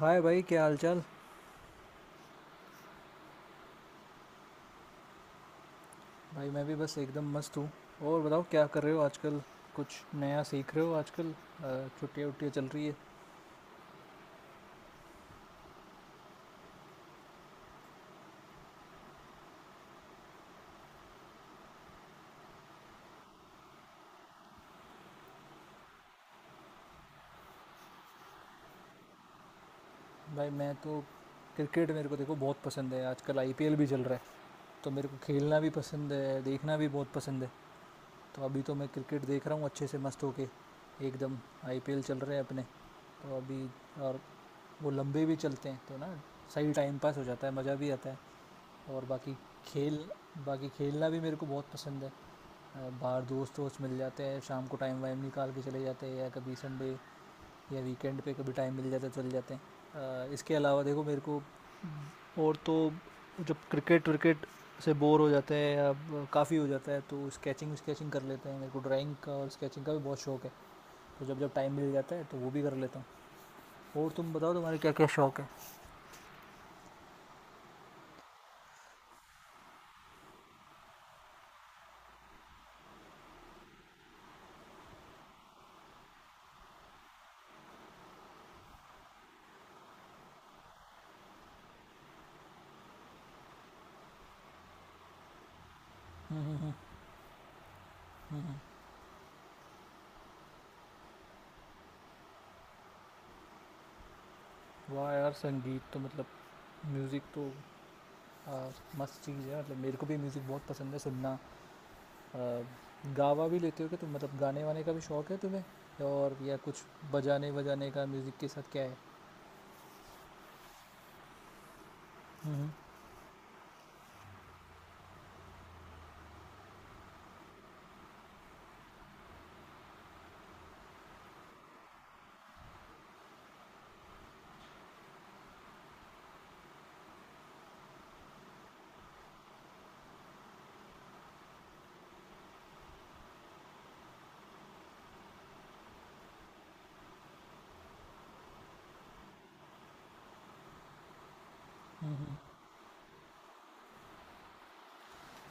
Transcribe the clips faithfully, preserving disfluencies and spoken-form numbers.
हाय भाई, क्या हाल चाल। भाई मैं भी बस एकदम मस्त हूँ। और बताओ क्या कर रहे हो आजकल। कुछ नया सीख रहे हो आजकल अ, छुट्टियाँ वुट्टियाँ चल रही है। भाई मैं तो क्रिकेट मेरे को देखो बहुत पसंद है, आजकल आईपीएल भी चल रहा है। तो मेरे को खेलना भी पसंद है, देखना भी बहुत पसंद है। तो अभी तो मैं क्रिकेट देख रहा हूँ अच्छे से मस्त होके, एकदम। आईपीएल चल रहे हैं अपने, तो अभी, और वो लंबे भी चलते हैं तो ना, सही टाइम पास हो जाता है, मज़ा भी आता है। और बाकी खेल, बाकी खेलना भी मेरे को बहुत पसंद है। अ, बाहर दोस्त वोस्त मिल जाते हैं शाम को टाइम वाइम निकाल के चले जाते हैं, या कभी संडे या वीकेंड पे कभी टाइम मिल जाता है चले जाते हैं। अ, इसके अलावा देखो मेरे को, और तो, जब क्रिकेट विकेट से बोर हो जाते हैं या काफ़ी हो जाता है तो स्केचिंग स्केचिंग कर लेते हैं। मेरे को ड्राइंग का और स्केचिंग का भी बहुत शौक है, तो जब जब टाइम मिल जाता है तो वो भी कर लेता हूँ। और तुम बताओ, तुम्हारे क्या क्या शौक है। हम्म हम्म हम्म। हम्म। वाह यार, संगीत तो मतलब, म्यूज़िक तो आ, मस्त चीज़ है। मतलब मेरे को भी म्यूज़िक बहुत पसंद है सुनना। आ, गावा भी लेते हो क्या तुम, मतलब गाने वाने का भी शौक है तुम्हें, और या कुछ बजाने वजाने का म्यूज़िक के साथ क्या है। हम्म हम्म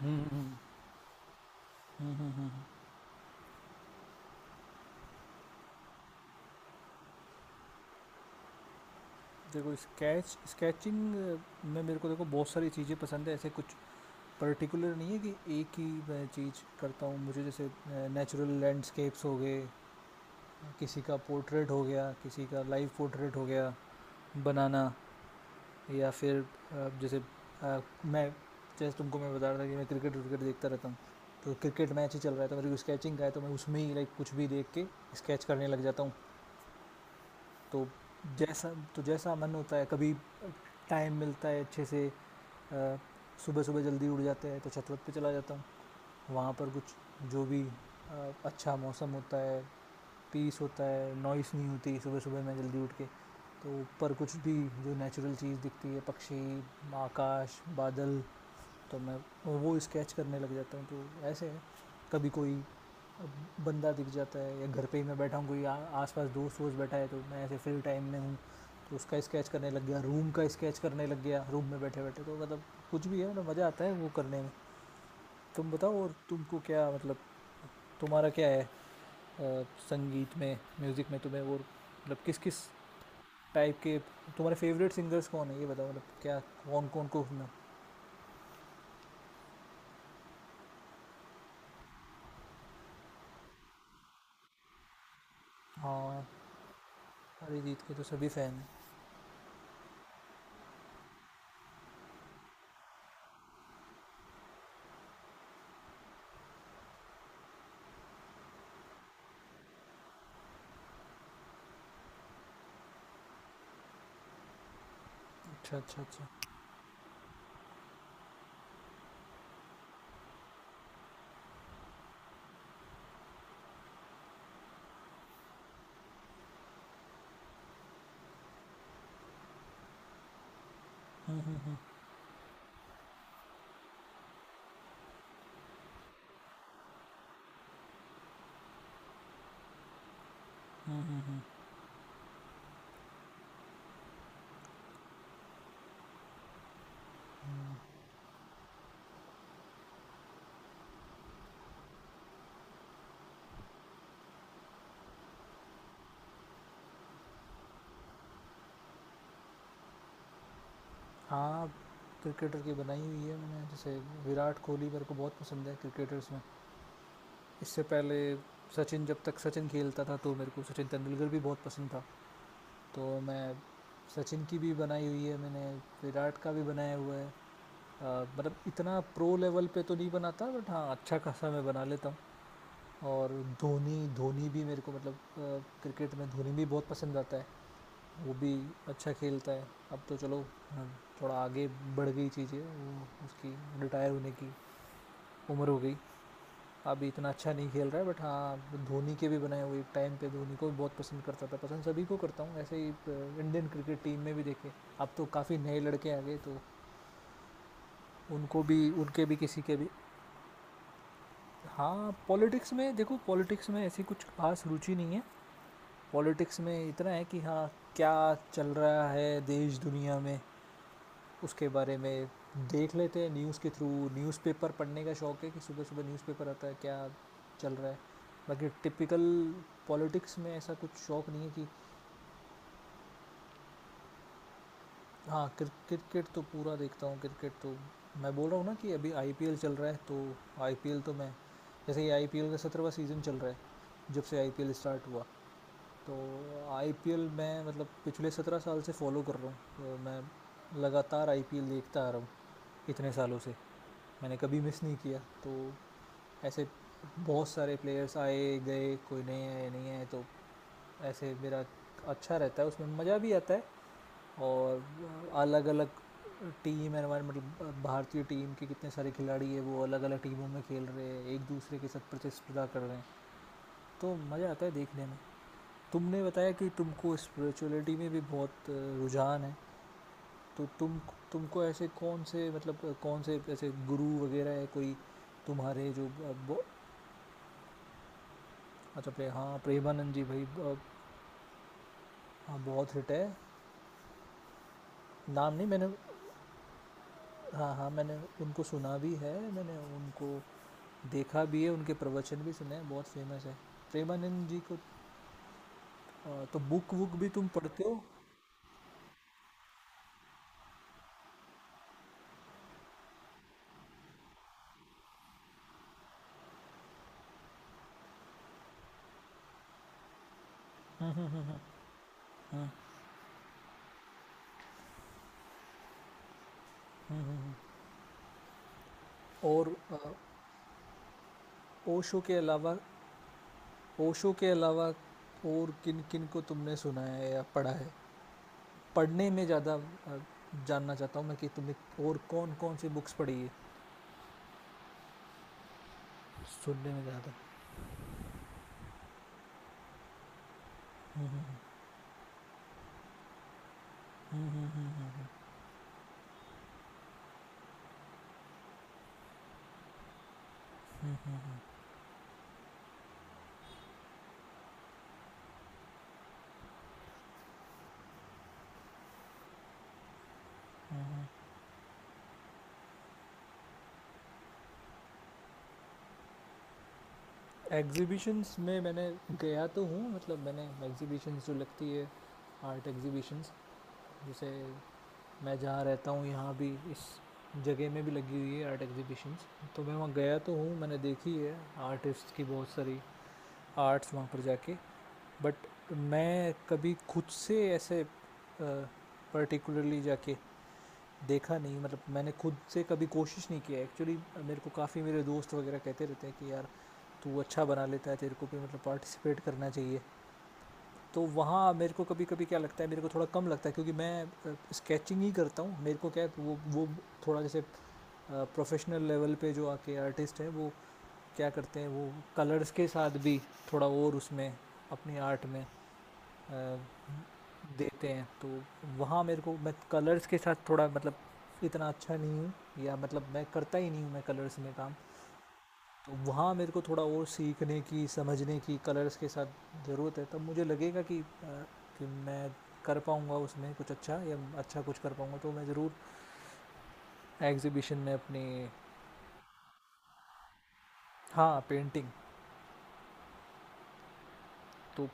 हम्म। हम्म हम्म हम्म, हम्म। देखो स्केच, स्केचिंग में मेरे को देखो बहुत सारी चीज़ें पसंद है, ऐसे कुछ पर्टिकुलर नहीं है कि एक ही मैं चीज़ करता हूँ। मुझे जैसे नेचुरल लैंडस्केप्स हो गए, किसी का पोर्ट्रेट हो गया, किसी का लाइव पोर्ट्रेट हो गया बनाना, या फिर अ, जैसे अ, मैं, जैसे तुमको मैं बता रहा था कि मैं क्रिकेट विकेट देखता रहता हूँ, तो क्रिकेट मैच ही चल रहा है तो मेरे को स्केचिंग का है तो मैं उसमें ही लाइक कुछ भी देख के स्केच करने लग जाता हूँ। तो जैसा, तो जैसा मन होता है, कभी टाइम मिलता है अच्छे से अ, सुबह सुबह जल्दी उठ जाते हैं तो छतवत पे चला जाता हूँ। वहाँ पर कुछ जो भी अ, अच्छा मौसम होता है, पीस होता है, नॉइस नहीं होती सुबह सुबह मैं जल्दी उठ के, तो ऊपर कुछ भी जो नेचुरल चीज़ दिखती है, पक्षी, आकाश, बादल, तो मैं वो स्केच करने लग जाता हूँ। तो ऐसे है, कभी कोई बंदा दिख जाता है या घर पे ही मैं बैठा हूँ, कोई आ- आसपास दोस्त वोस्त बैठा है तो मैं ऐसे फ्री टाइम में हूँ, तो उसका स्केच करने लग गया, रूम का स्केच करने लग गया रूम में बैठे बैठे, तो मतलब कुछ भी है मतलब मज़ा आता है वो करने में। तुम बताओ, और तुमको क्या मतलब, तुम्हारा क्या है। अ, संगीत में म्यूज़िक में तुम्हें वो मतलब किस किस टाइप के, तुम्हारे फेवरेट सिंगर्स कौन है ये बताओ, मतलब क्या कौन कौन को सुना। हाँ, अरिजीत के तो सभी फ़ैन हैं। अच्छा अच्छा अच्छा। हम्म हम्म हम्म। हम्म हम्म हम्म, हम्म। हाँ, क्रिकेटर की बनाई हुई है मैंने। जैसे विराट कोहली मेरे को बहुत पसंद है क्रिकेटर्स में। इससे पहले सचिन, जब तक सचिन खेलता था तो मेरे को सचिन तेंदुलकर भी बहुत पसंद था। तो मैं सचिन की भी बनाई हुई है मैंने, विराट का भी बनाया हुआ है। अ, मतलब इतना प्रो लेवल पे तो नहीं बनाता, बट हाँ अच्छा खासा मैं बना लेता हूँ। और धोनी, धोनी भी मेरे को मतलब अ, क्रिकेट में धोनी भी बहुत पसंद आता है। वो भी अच्छा खेलता है अब तो, चलो, हाँ, थोड़ा आगे बढ़ गई चीज़ें वो उसकी, रिटायर होने की उम्र हो गई। अभी इतना अच्छा नहीं खेल रहा है बट हाँ धोनी के भी बनाए हुए टाइम पे, धोनी को भी बहुत पसंद करता था, पसंद सभी को करता हूँ ऐसे ही। अ, इंडियन क्रिकेट टीम में भी देखे, अब तो काफ़ी नए लड़के आ गए, तो उनको भी, उनके भी, किसी के भी। हाँ, पॉलिटिक्स में देखो, पॉलिटिक्स में ऐसी कुछ खास रुचि नहीं है। पॉलिटिक्स में इतना है कि हाँ, क्या चल रहा है देश दुनिया में, उसके बारे में देख लेते हैं न्यूज़ के थ्रू। न्यूज़पेपर पढ़ने का शौक है कि सुबह-सुबह न्यूज़पेपर आता है क्या चल रहा है। बाकी टिपिकल पॉलिटिक्स में ऐसा कुछ शौक नहीं है कि। हाँ, क्रि क्रिकेट तो पूरा देखता हूँ। क्रिकेट तो मैं बोल रहा हूँ ना कि अभी आईपीएल चल रहा है, तो आईपीएल तो मैं, जैसे ये आईपीएल का सत्रहवाँ सीज़न चल रहा है, जब से आईपीएल स्टार्ट हुआ। तो आईपीएल मैं मतलब पिछले सत्रह साल से फॉलो कर रहा हूँ, तो मैं लगातार आईपीएल देखता आ रहा हूँ, इतने सालों से मैंने कभी मिस नहीं किया। तो ऐसे बहुत सारे प्लेयर्स आए गए, कोई नए आए नहीं आए तो ऐसे, मेरा अच्छा रहता है उसमें, मज़ा भी आता है। और अलग अलग टीम एनवायरमेंट, मतलब भारतीय टीम के कितने सारे खिलाड़ी है वो अलग अलग टीमों में खेल रहे हैं, एक दूसरे के साथ प्रतिस्पर्धा कर रहे हैं, तो मज़ा आता है देखने में। तुमने बताया कि तुमको स्पिरिचुअलिटी में भी बहुत अ, रुझान है, तो तुम, तुमको ऐसे कौन से मतलब अ, कौन से ऐसे गुरु वगैरह है कोई तुम्हारे जो अ, बो- अच्छा प्रे, हाँ प्रेमानंद जी भाई अ, हाँ बहुत हिट है। नाम नहीं मैंने। हाँ हाँ मैंने उनको सुना भी है, मैंने उनको देखा भी है, उनके प्रवचन भी सुने हैं, बहुत फेमस है प्रेमानंद जी को। अ, तो बुक वुक भी तुम पढ़ते हो, और अ, ओशो के अलावा, ओशो के अलावा और किन किन को तुमने सुना है या पढ़ा है, पढ़ने में ज़्यादा अ, जानना चाहता हूँ मैं कि तुमने और कौन कौन सी बुक्स पढ़ी है। सुनने में ज़्यादा। एग्जीबिशंस में मैंने गया तो हूँ, मतलब मैंने एग्जीबिशंस जो लगती है आर्ट एग्जीबिशंस जैसे, मैं जहाँ रहता हूँ यहाँ भी इस जगह में भी लगी हुई है आर्ट एग्जीबिशंस, तो मैं वहाँ गया तो हूँ, मैंने देखी है आर्टिस्ट की बहुत सारी आर्ट्स वहाँ पर जाके। बट मैं कभी खुद से ऐसे पर्टिकुलरली जाके देखा नहीं, मतलब मैंने खुद से कभी कोशिश नहीं किया एक्चुअली। मेरे को काफ़ी मेरे दोस्त वगैरह कहते रहते हैं कि यार, तू अच्छा बना लेता है, तेरे को भी मतलब पार्टिसिपेट करना चाहिए। तो वहाँ मेरे को कभी कभी क्या लगता है, मेरे को थोड़ा कम लगता है क्योंकि मैं स्केचिंग ही करता हूँ, मेरे को क्या है, वो वो थोड़ा जैसे प्रोफेशनल लेवल पे जो आके आर्टिस्ट हैं वो क्या करते हैं, वो कलर्स के साथ भी थोड़ा और उसमें अपनी आर्ट में अ, देते हैं, तो वहाँ मेरे को मैं कलर्स के साथ थोड़ा मतलब इतना अच्छा नहीं हूँ, या मतलब मैं करता ही नहीं हूँ मैं कलर्स में काम, तो वहाँ मेरे को थोड़ा और सीखने की समझने की कलर्स के साथ ज़रूरत है। तब मुझे लगेगा कि अ, कि मैं कर पाऊँगा उसमें कुछ अच्छा, या अच्छा कुछ कर पाऊँगा तो मैं ज़रूर एग्जीबिशन में अपनी। हाँ पेंटिंग, तो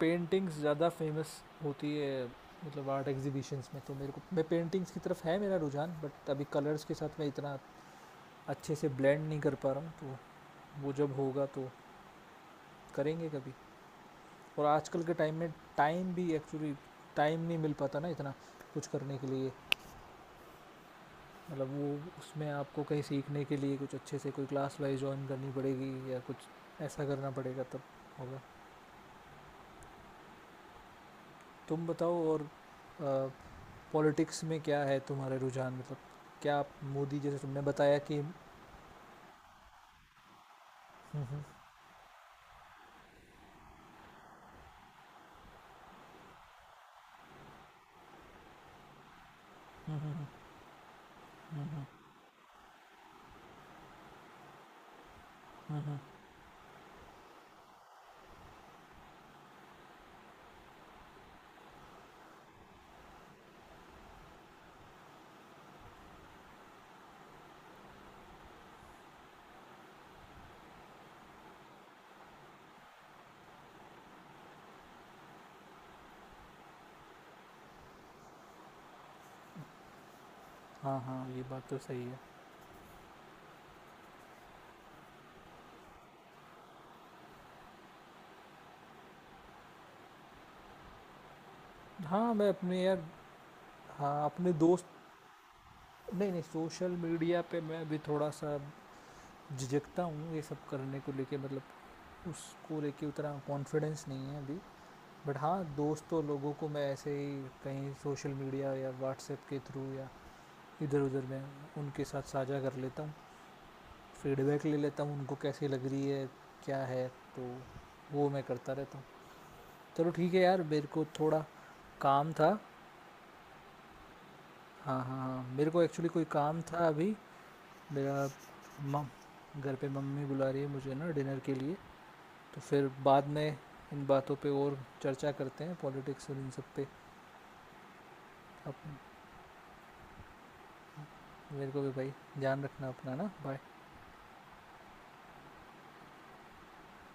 पेंटिंग्स ज़्यादा फेमस होती है मतलब आर्ट एग्जीबिशंस में, तो मेरे को मैं पेंटिंग्स की तरफ है मेरा रुझान, बट अभी कलर्स के साथ मैं इतना अच्छे से ब्लेंड नहीं कर पा रहा हूँ, तो वो जब होगा तो करेंगे कभी। और आजकल के टाइम में, टाइम भी एक्चुअली टाइम नहीं मिल पाता ना इतना कुछ करने के लिए, मतलब वो, उसमें आपको कहीं सीखने के लिए कुछ अच्छे से कोई क्लास वाइज ज्वाइन करनी पड़ेगी या कुछ ऐसा करना पड़ेगा तब होगा। तुम बताओ, और पॉलिटिक्स में क्या है तुम्हारे रुझान, मतलब क्या आप मोदी, जैसे तुमने बताया कि। हम्म हम्म, हम्म। हम्म, हम्म। हम्म, हम्म। हम्म, हाँ हाँ ये बात तो सही है। हाँ मैं अपने यार, हाँ अपने दोस्त, नहीं नहीं सोशल मीडिया पे मैं भी थोड़ा सा झिझकता हूँ ये सब करने को लेके, मतलब उसको लेके उतना कॉन्फिडेंस नहीं है अभी। बट हाँ दोस्तों लोगों को मैं ऐसे ही कहीं सोशल मीडिया या व्हाट्सएप के थ्रू या इधर उधर में उनके साथ साझा कर लेता हूँ, फीडबैक ले लेता हूँ उनको कैसी लग रही है क्या है, तो वो मैं करता रहता हूँ। चलो ठीक है यार, मेरे को थोड़ा काम था, हाँ हाँ हाँ मेरे को एक्चुअली कोई काम था अभी मेरा। मम घर पे मम्मी बुला रही है मुझे ना डिनर के लिए, तो फिर बाद में इन बातों पे और चर्चा करते हैं, पॉलिटिक्स और इन सब पे। अब मेरे को भी भाई, ध्यान रखना अपना ना, बाय।